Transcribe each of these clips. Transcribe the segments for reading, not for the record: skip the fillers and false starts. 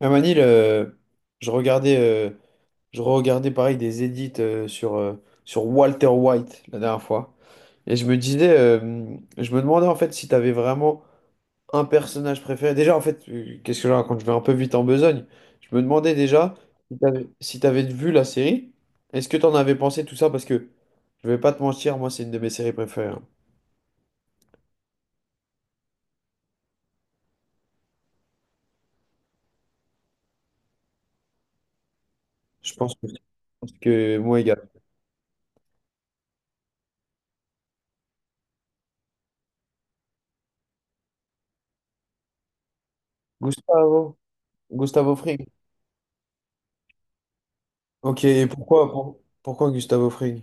Même à Manil, je regardais, euh, je regardais pareil des edits sur, sur Walter White la dernière fois. Et je me disais, je me demandais en fait si tu avais vraiment un personnage préféré. Déjà, en fait, qu'est-ce que je raconte? Je vais un peu vite en besogne. Je me demandais déjà si t'avais, si t'avais vu la série. Est-ce que t'en avais pensé tout ça? Parce que je vais pas te mentir, moi, c'est une de mes séries préférées, hein. Je pense que moi également. Gustavo, Gustavo Fring. Ok, et pourquoi, pourquoi Gustavo Fring?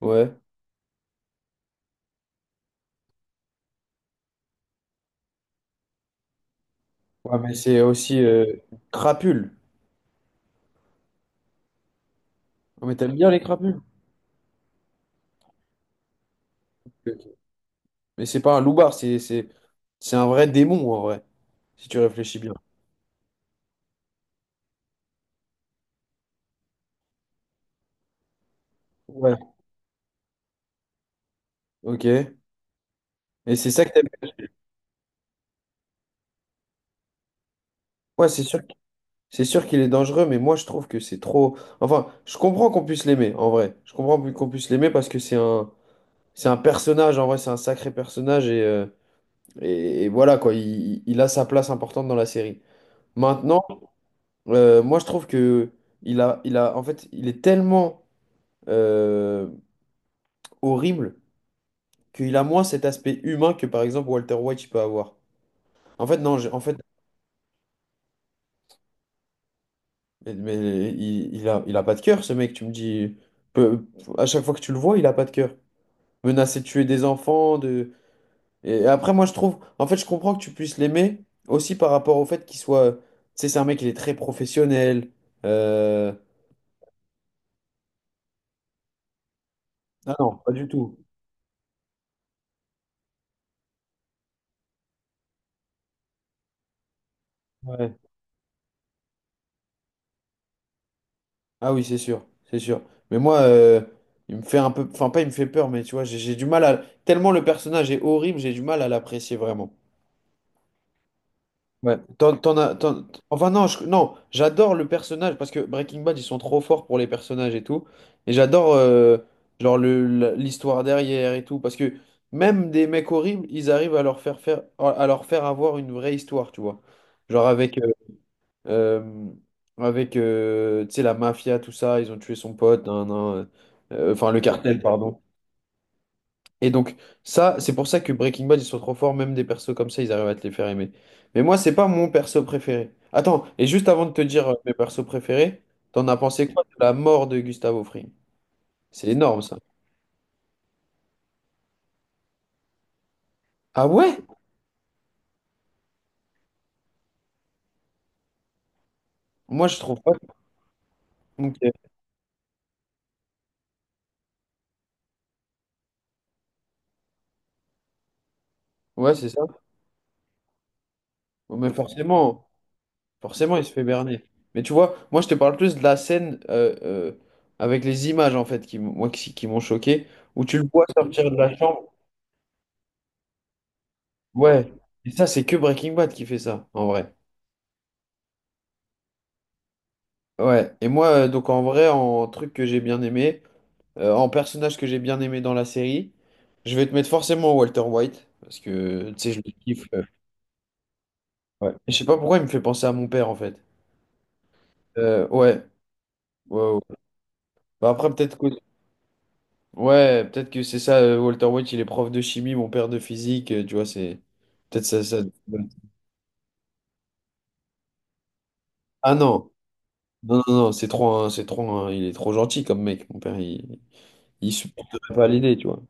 Ouais. Ouais, mais c'est aussi crapule. Oh, mais t'aimes bien les crapules? Ok, ok. Mais c'est pas un loupard, c'est c'est un vrai démon en vrai, si tu réfléchis bien. Ouais. Ok. Et c'est ça que t'aimes. Ouais, c'est sûr qu'il est dangereux, mais moi je trouve que c'est trop. Enfin, je comprends qu'on puisse l'aimer en vrai. Je comprends qu'on puisse l'aimer parce que c'est un personnage en vrai, c'est un sacré personnage et et voilà quoi. Il a sa place importante dans la série. Maintenant, moi je trouve que il a en fait il est tellement euh, horrible qu'il a moins cet aspect humain que par exemple Walter White il peut avoir. En fait, non, en fait, mais il a pas de cœur, ce mec, tu me dis. Peu- à chaque fois que tu le vois, il a pas de cœur. Menacer de tuer des enfants, de. Et après, moi, je trouve. En fait, je comprends que tu puisses l'aimer aussi par rapport au fait qu'il soit. Tu sais, c'est un mec, il est très professionnel. Euh, Ah non, pas du tout. Ouais. Ah oui, c'est sûr, c'est sûr. Mais moi, il me fait un peu... Enfin, pas il me fait peur, mais tu vois, j'ai du mal à... Tellement le personnage est horrible, j'ai du mal à l'apprécier vraiment. Ouais. Enfin non, non, j'adore le personnage parce que Breaking Bad, ils sont trop forts pour les personnages et tout. Et j'adore genre l'histoire derrière et tout. Parce que même des mecs horribles, ils arrivent à leur faire faire, à leur faire avoir une vraie histoire, tu vois. Genre avec... euh, avec tu sais, la mafia, tout ça, ils ont tué son pote, nan, nan, enfin le cartel, cartel, pardon. Et donc, ça, c'est pour ça que Breaking Bad, ils sont trop forts, même des persos comme ça, ils arrivent à te les faire aimer. Mais moi, c'est pas mon perso préféré. Attends, et juste avant de te dire mes persos préférés, t'en as pensé quoi de la mort de Gustavo Fring? C'est énorme ça. Ah ouais? Moi, je trouve pas. Ok. Ouais, c'est ça. Bon, mais forcément. Forcément, il se fait berner. Mais tu vois, moi, je te parle plus de la scène avec les images, en fait, qui m'ont choqué, où tu le vois sortir de la chambre. Ouais. Et ça, c'est que Breaking Bad qui fait ça, en vrai. Ouais. Et moi, donc, en vrai, en truc que j'ai bien aimé, en personnage que j'ai bien aimé dans la série, je vais te mettre forcément Walter White, parce que, tu sais, je le kiffe. Ouais. Je sais pas pourquoi il me fait penser à mon père, en fait. Ouais. Ouais, ouais. Bah, après, peut-être que ouais, peut-être que c'est ça, Walter White, il est prof de chimie, mon père de physique, tu vois, c'est... Peut-être ça, ça... Ah non, non, c'est trop, c'est trop, il est trop gentil comme mec, mon père, il supporterait pas l'idée, tu vois.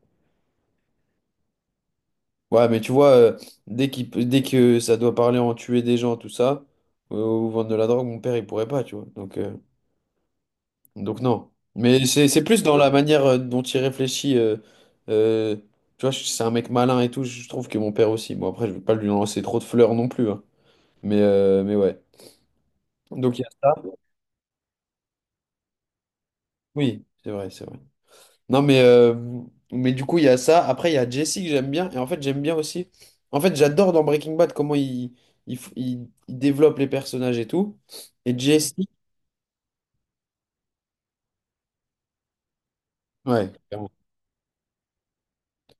Ouais, mais tu vois, dès dès que ça doit parler en tuer des gens, tout ça, ou vendre de la drogue, mon père, il pourrait pas, tu vois, donc non. Mais c'est plus dans la manière dont il réfléchit, euh, tu vois, c'est un mec malin et tout, je trouve que mon père aussi, bon après, je veux pas lui lancer trop de fleurs non plus, hein. Mais ouais. Donc il y a ça. Oui, c'est vrai, c'est vrai. Non, mais du coup, il y a ça. Après, il y a Jesse que j'aime bien. Et en fait, j'aime bien aussi. En fait, j'adore dans Breaking Bad comment il développe les personnages et tout. Et Jesse. Ouais, clairement.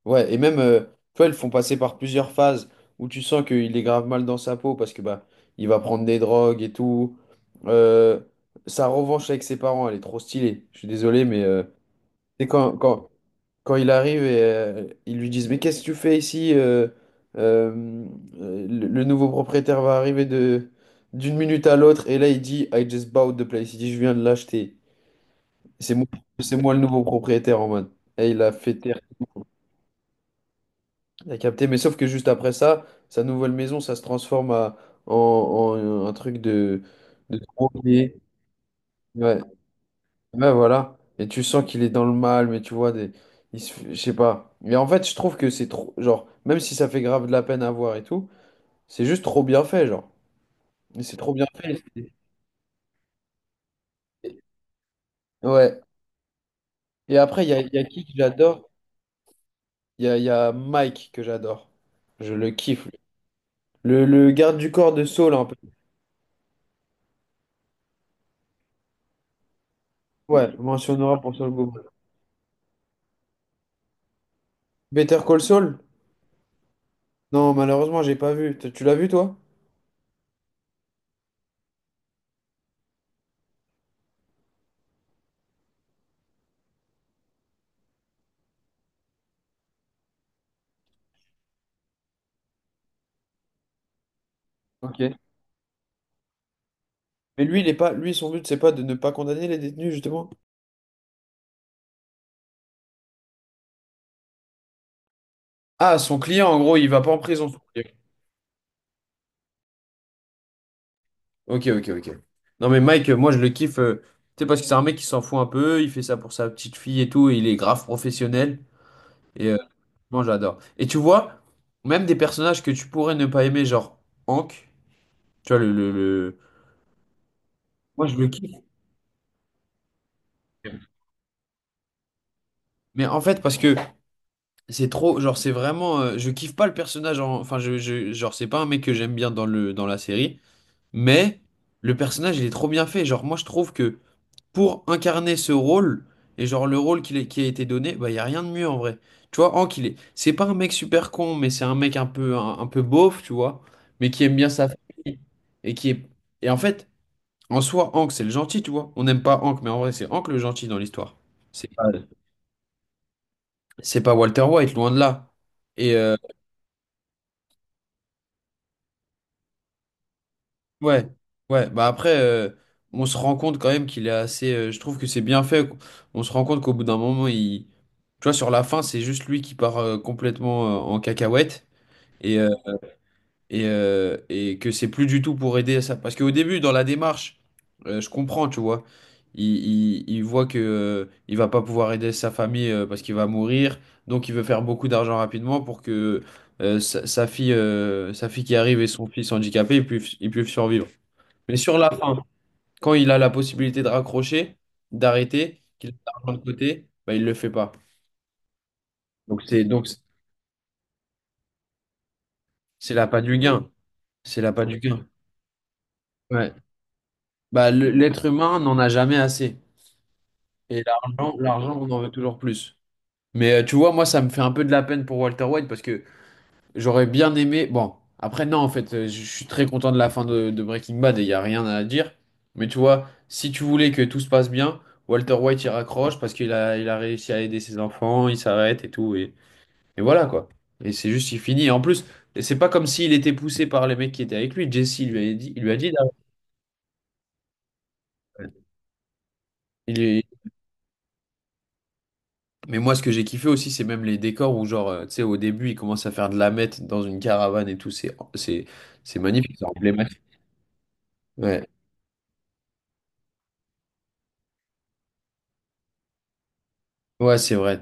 Ouais, et même, tu vois, ils le font passer par plusieurs phases où tu sens qu'il est grave mal dans sa peau parce que bah, il va prendre des drogues et tout. Euh, Sa revanche avec ses parents, elle est trop stylée. Je suis désolé, mais c'est quand il arrive et ils lui disent, mais qu'est-ce que tu fais ici? Euh, le nouveau propriétaire va arriver de d'une minute à l'autre et là il dit, I just bought the place. Il dit, je viens de l'acheter. C'est moi, c'est moi le nouveau propriétaire en mode. Et il a fait taire, il a capté. Mais sauf que juste après ça, sa nouvelle maison, ça se transforme en, en un truc de drogué. Ouais. Ouais, voilà. Et tu sens qu'il est dans le mal, mais tu vois, des... il se... je sais pas. Mais en fait, je trouve que c'est trop. Genre, même si ça fait grave de la peine à voir et tout, c'est juste trop bien fait, genre. Mais c'est trop bien fait. Et- Ouais. Et après, il y a qui que j'adore? Il y a Mike que j'adore. Je le kiffe, lui. Le garde du corps de Saul, un peu. Ouais, mention honorable pour Saul Goodman. Better Call Saul? Non, malheureusement, j'ai pas vu. Tu l'as vu, toi? Ok. Mais lui, il est pas... lui, son but, c'est pas de ne pas condamner les détenus, justement. Ah, son client, en gros, il va pas en prison, son client. Ok, ok, ok. Non, mais Mike, moi, je le kiffe. Tu sais, parce que c'est un mec qui s'en fout un peu. Il fait ça pour sa petite fille et tout, et il est grave professionnel. Et moi, j'adore. Et tu vois, même des personnages que tu pourrais ne pas aimer, genre Hank, tu vois, Moi, je le kiffe. Mais en fait, parce que c'est trop, genre, c'est vraiment, je kiffe pas le personnage, enfin, genre, c'est pas un mec que j'aime bien dans dans la série, mais le personnage, il est trop bien fait. Genre, moi, je trouve que pour incarner ce rôle, et genre le rôle qui a été donné, bah, il n'y a rien de mieux en vrai. Tu vois, Hank, il est... c'est pas un mec super con, mais c'est un mec un peu, un peu beauf, tu vois, mais qui aime bien sa famille. Et qui est... Et en fait, en soi, Hank, c'est le gentil, tu vois. On n'aime pas Hank, mais en vrai, c'est Hank le gentil dans l'histoire. C'est pas, c'est pas Walter White, loin de là. Et, Ouais, ouais, bah après, on se rend compte quand même qu'il est assez. Je trouve que c'est bien fait. On se rend compte qu'au bout d'un moment, il. Tu vois, sur la fin, c'est juste lui qui part complètement en cacahuète et, et que c'est plus du tout pour aider à ça. Parce qu'au début, dans la démarche, je comprends, tu vois. Il voit que, il va pas pouvoir aider sa famille parce qu'il va mourir. Donc, il veut faire beaucoup d'argent rapidement pour que sa fille qui arrive et son fils handicapé, ils puissent survivre. Mais sur la fin, quand il a la possibilité de raccrocher, d'arrêter, qu'il a de l'argent de côté, bah, il ne le fait pas. Donc c'est c'est l'appât du gain. C'est l'appât du gain. Ouais. Bah, l'être humain n'en a jamais assez. Et l'argent, on en veut toujours plus. Mais tu vois, moi, ça me fait un peu de la peine pour Walter White parce que j'aurais bien aimé. Bon, après, non, en fait, je suis très content de la fin de Breaking Bad et il n'y a rien à dire. Mais tu vois, si tu voulais que tout se passe bien, Walter White il raccroche parce il a réussi à aider ses enfants, il s'arrête et tout. Et voilà quoi. Et c'est juste, il finit. Et en plus, c'est pas comme s'il était poussé par les mecs qui étaient avec lui. Jesse il lui a dit, Il lui a dit d'arrêter. Il est- Mais moi, ce que j'ai kiffé aussi, c'est même les décors où, genre, tu sais, au début, il commence à faire de la meth dans une caravane et tout. C'est magnifique, c'est emblématique. Ouais, ouais, c'est vrai.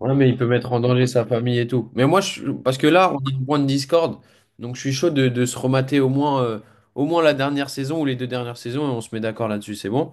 Ouais, mais il peut mettre en danger sa famille et tout. Mais moi, je, parce que là, on a un point de discorde, donc je suis chaud de se remater au moins la dernière saison ou les deux dernières saisons et on se met d'accord là-dessus, c'est bon?